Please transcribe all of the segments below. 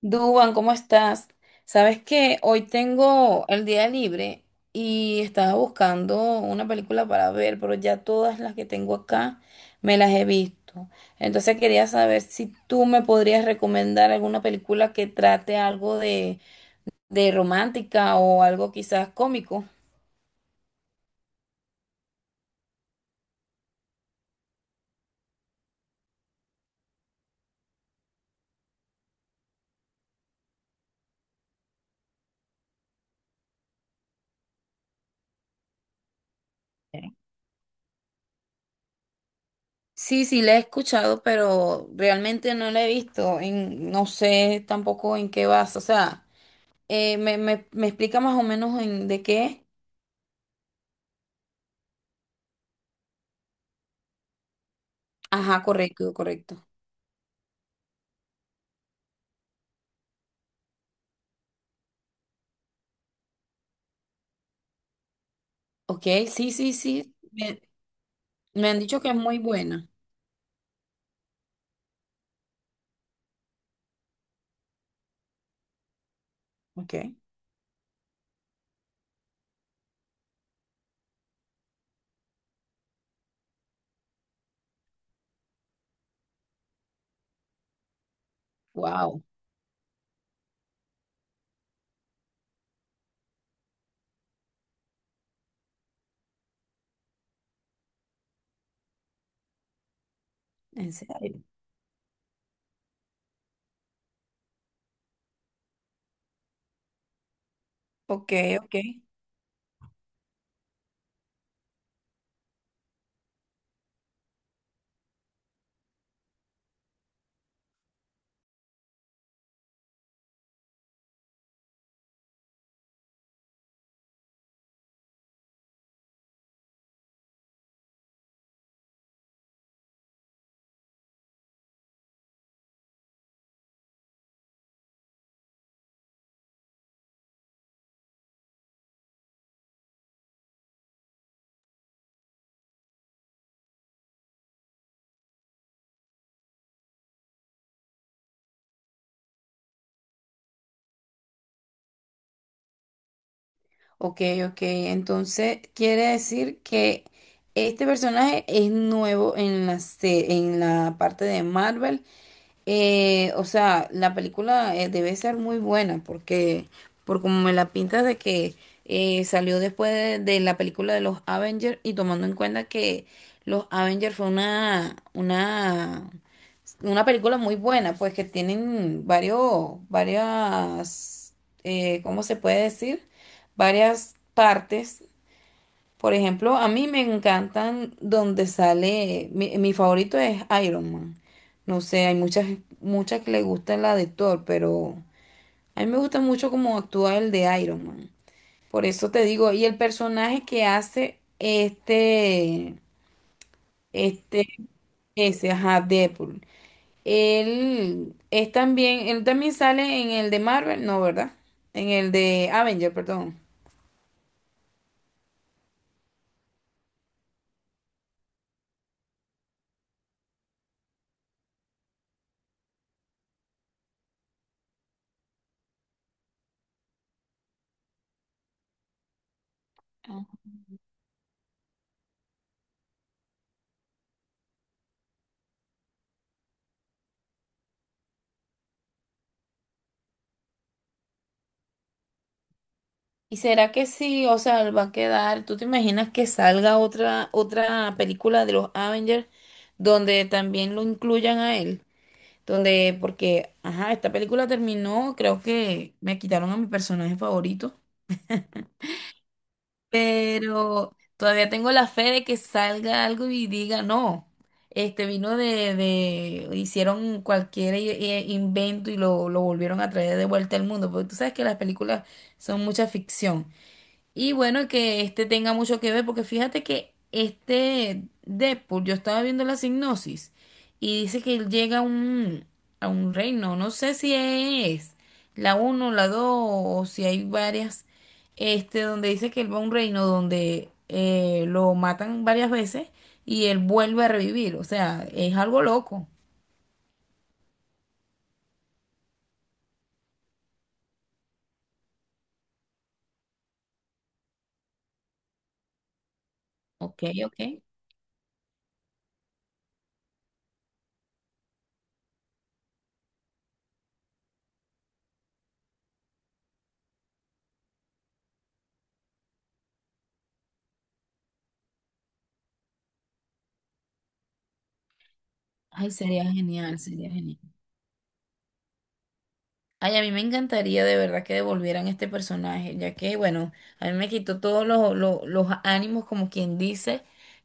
Duban, ¿cómo estás? Sabes que hoy tengo el día libre y estaba buscando una película para ver, pero ya todas las que tengo acá me las he visto. Entonces quería saber si tú me podrías recomendar alguna película que trate algo de romántica o algo quizás cómico. Sí, sí, la he escuchado, pero realmente no la he visto. No sé tampoco en qué vas. O sea, me explica más o menos en de qué es? Ajá, correcto, correcto. Ok, sí, sí, sí. Me han dicho que es muy buena. Ok. Wow, en serio. Ok, ok. Ok, ok. Entonces, quiere decir que este personaje es nuevo en en la parte de Marvel. O sea, la película debe ser muy buena porque, por como me la pintas de que salió después de la película de los Avengers, y tomando en cuenta que los Avengers fue una película muy buena, pues que tienen ¿cómo se puede decir? Varias partes. Por ejemplo, a mí me encantan donde sale, mi favorito es Iron Man. No sé, hay muchas, muchas que le gustan la de Thor, pero a mí me gusta mucho cómo actúa el de Iron Man. Por eso te digo, y el personaje que hace este, ese, ajá, Deadpool. Él es también, él también sale en el de Marvel, no, ¿verdad? En el de Avenger, perdón. ¿Y será que sí? O sea, va a quedar. ¿Tú te imaginas que salga otra película de los Avengers donde también lo incluyan a él? Donde, porque, ajá, esta película terminó, creo que me quitaron a mi personaje favorito, pero todavía tengo la fe de que salga algo y diga, no, este vino hicieron cualquier invento y lo volvieron a traer de vuelta al mundo, porque tú sabes que las películas son mucha ficción. Y bueno, que este tenga mucho que ver, porque fíjate que este Deadpool, yo estaba viendo la sinopsis y dice que él llega a a un reino, no sé si es la uno la 2 o si hay varias, este, donde dice que él va a un reino donde lo matan varias veces y él vuelve a revivir, o sea, es algo loco. Ok, ok. Ay, sería genial, sería genial. Ay, a mí me encantaría de verdad que devolvieran este personaje, ya que, bueno, a mí me quitó todos los ánimos, como quien dice,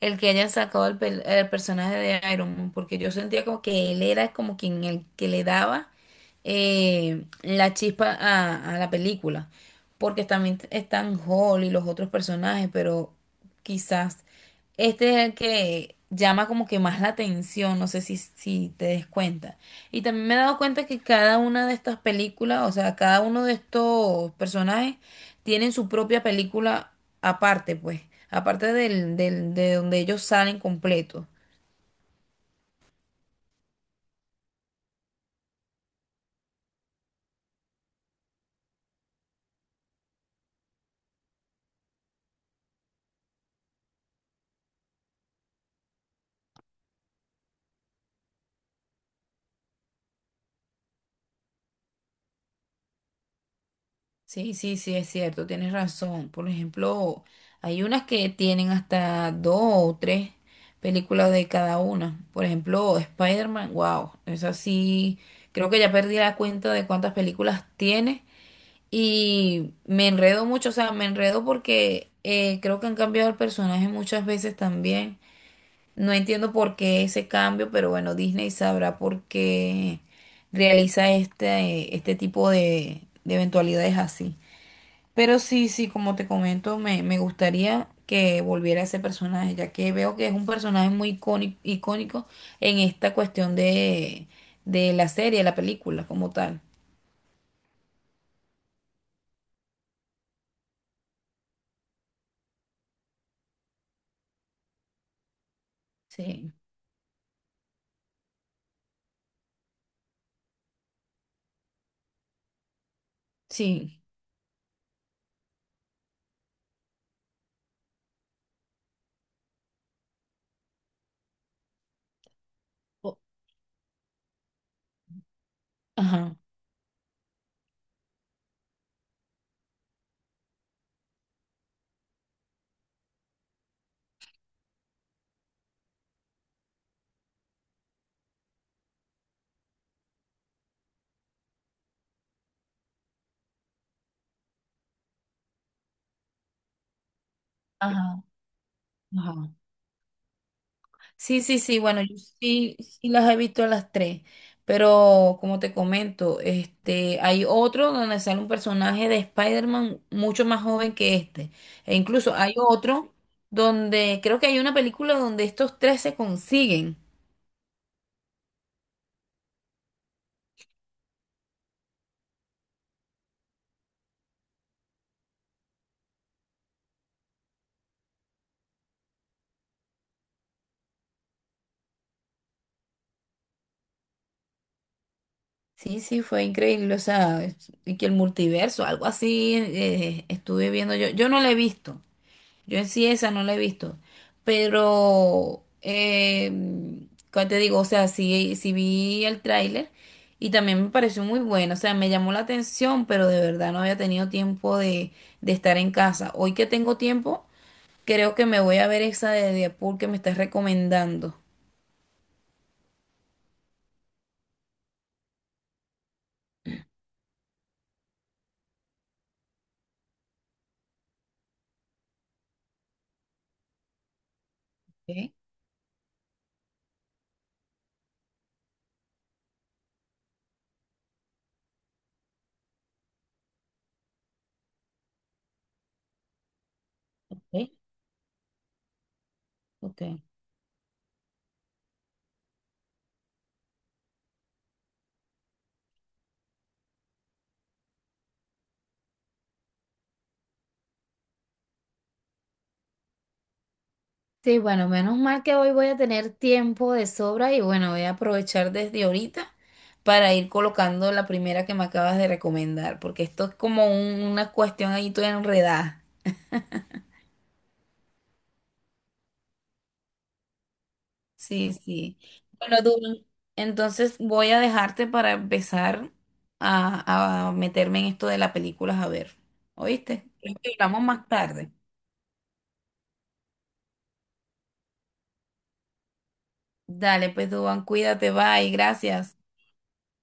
el que hayan sacado el personaje de Iron Man, porque yo sentía como que él era como quien el que le daba la chispa a la película, porque también están Hall y los otros personajes, pero quizás este es el que llama como que más la atención, no sé si te des cuenta. Y también me he dado cuenta que cada una de estas películas, o sea, cada uno de estos personajes tienen su propia película aparte, pues, aparte de donde ellos salen completos. Sí, sí, sí, es cierto, tienes razón. Por ejemplo, hay unas que tienen hasta dos o tres películas de cada una. Por ejemplo, Spider-Man, wow, es así. Creo que ya perdí la cuenta de cuántas películas tiene y me enredo mucho, o sea, me enredo porque creo que han cambiado el personaje muchas veces también. No entiendo por qué ese cambio, pero bueno, Disney sabrá por qué realiza este tipo de eventualidades así. Pero sí, sí, como te comento, me gustaría que volviera ese personaje, ya que veo que es un personaje muy icónico icónico, en esta cuestión de la serie, la película como tal. Sí, sí. O- Ajá. Ajá, ajá. Sí, sí, sí, bueno, yo sí, sí las he visto a las tres, pero como te comento, este, hay otro donde sale un personaje de Spider-Man mucho más joven que este, e incluso hay otro donde creo que hay una película donde estos tres se consiguen. Sí, sí, fue increíble, o sea, y que el multiverso, algo así, estuve viendo yo, yo no la he visto. Yo en sí esa no la he visto, pero, ¿cómo te digo? O sea, sí, sí vi el tráiler y también me pareció muy bueno, o sea, me llamó la atención, pero de verdad no había tenido tiempo de estar en casa. Hoy que tengo tiempo, creo que me voy a ver esa de Deadpool que me estás recomendando. Ok, ok, ok. Sí, bueno, menos mal que hoy voy a tener tiempo de sobra y bueno, voy a aprovechar desde ahorita para ir colocando la primera que me acabas de recomendar, porque esto es como una cuestión ahí toda enredada. Sí, sí. Bueno, Dublín, entonces voy a dejarte para empezar a meterme en esto de las películas a ver. ¿Oíste? Creo que hablamos más tarde. Dale, pues, Duan, cuídate, bye, gracias.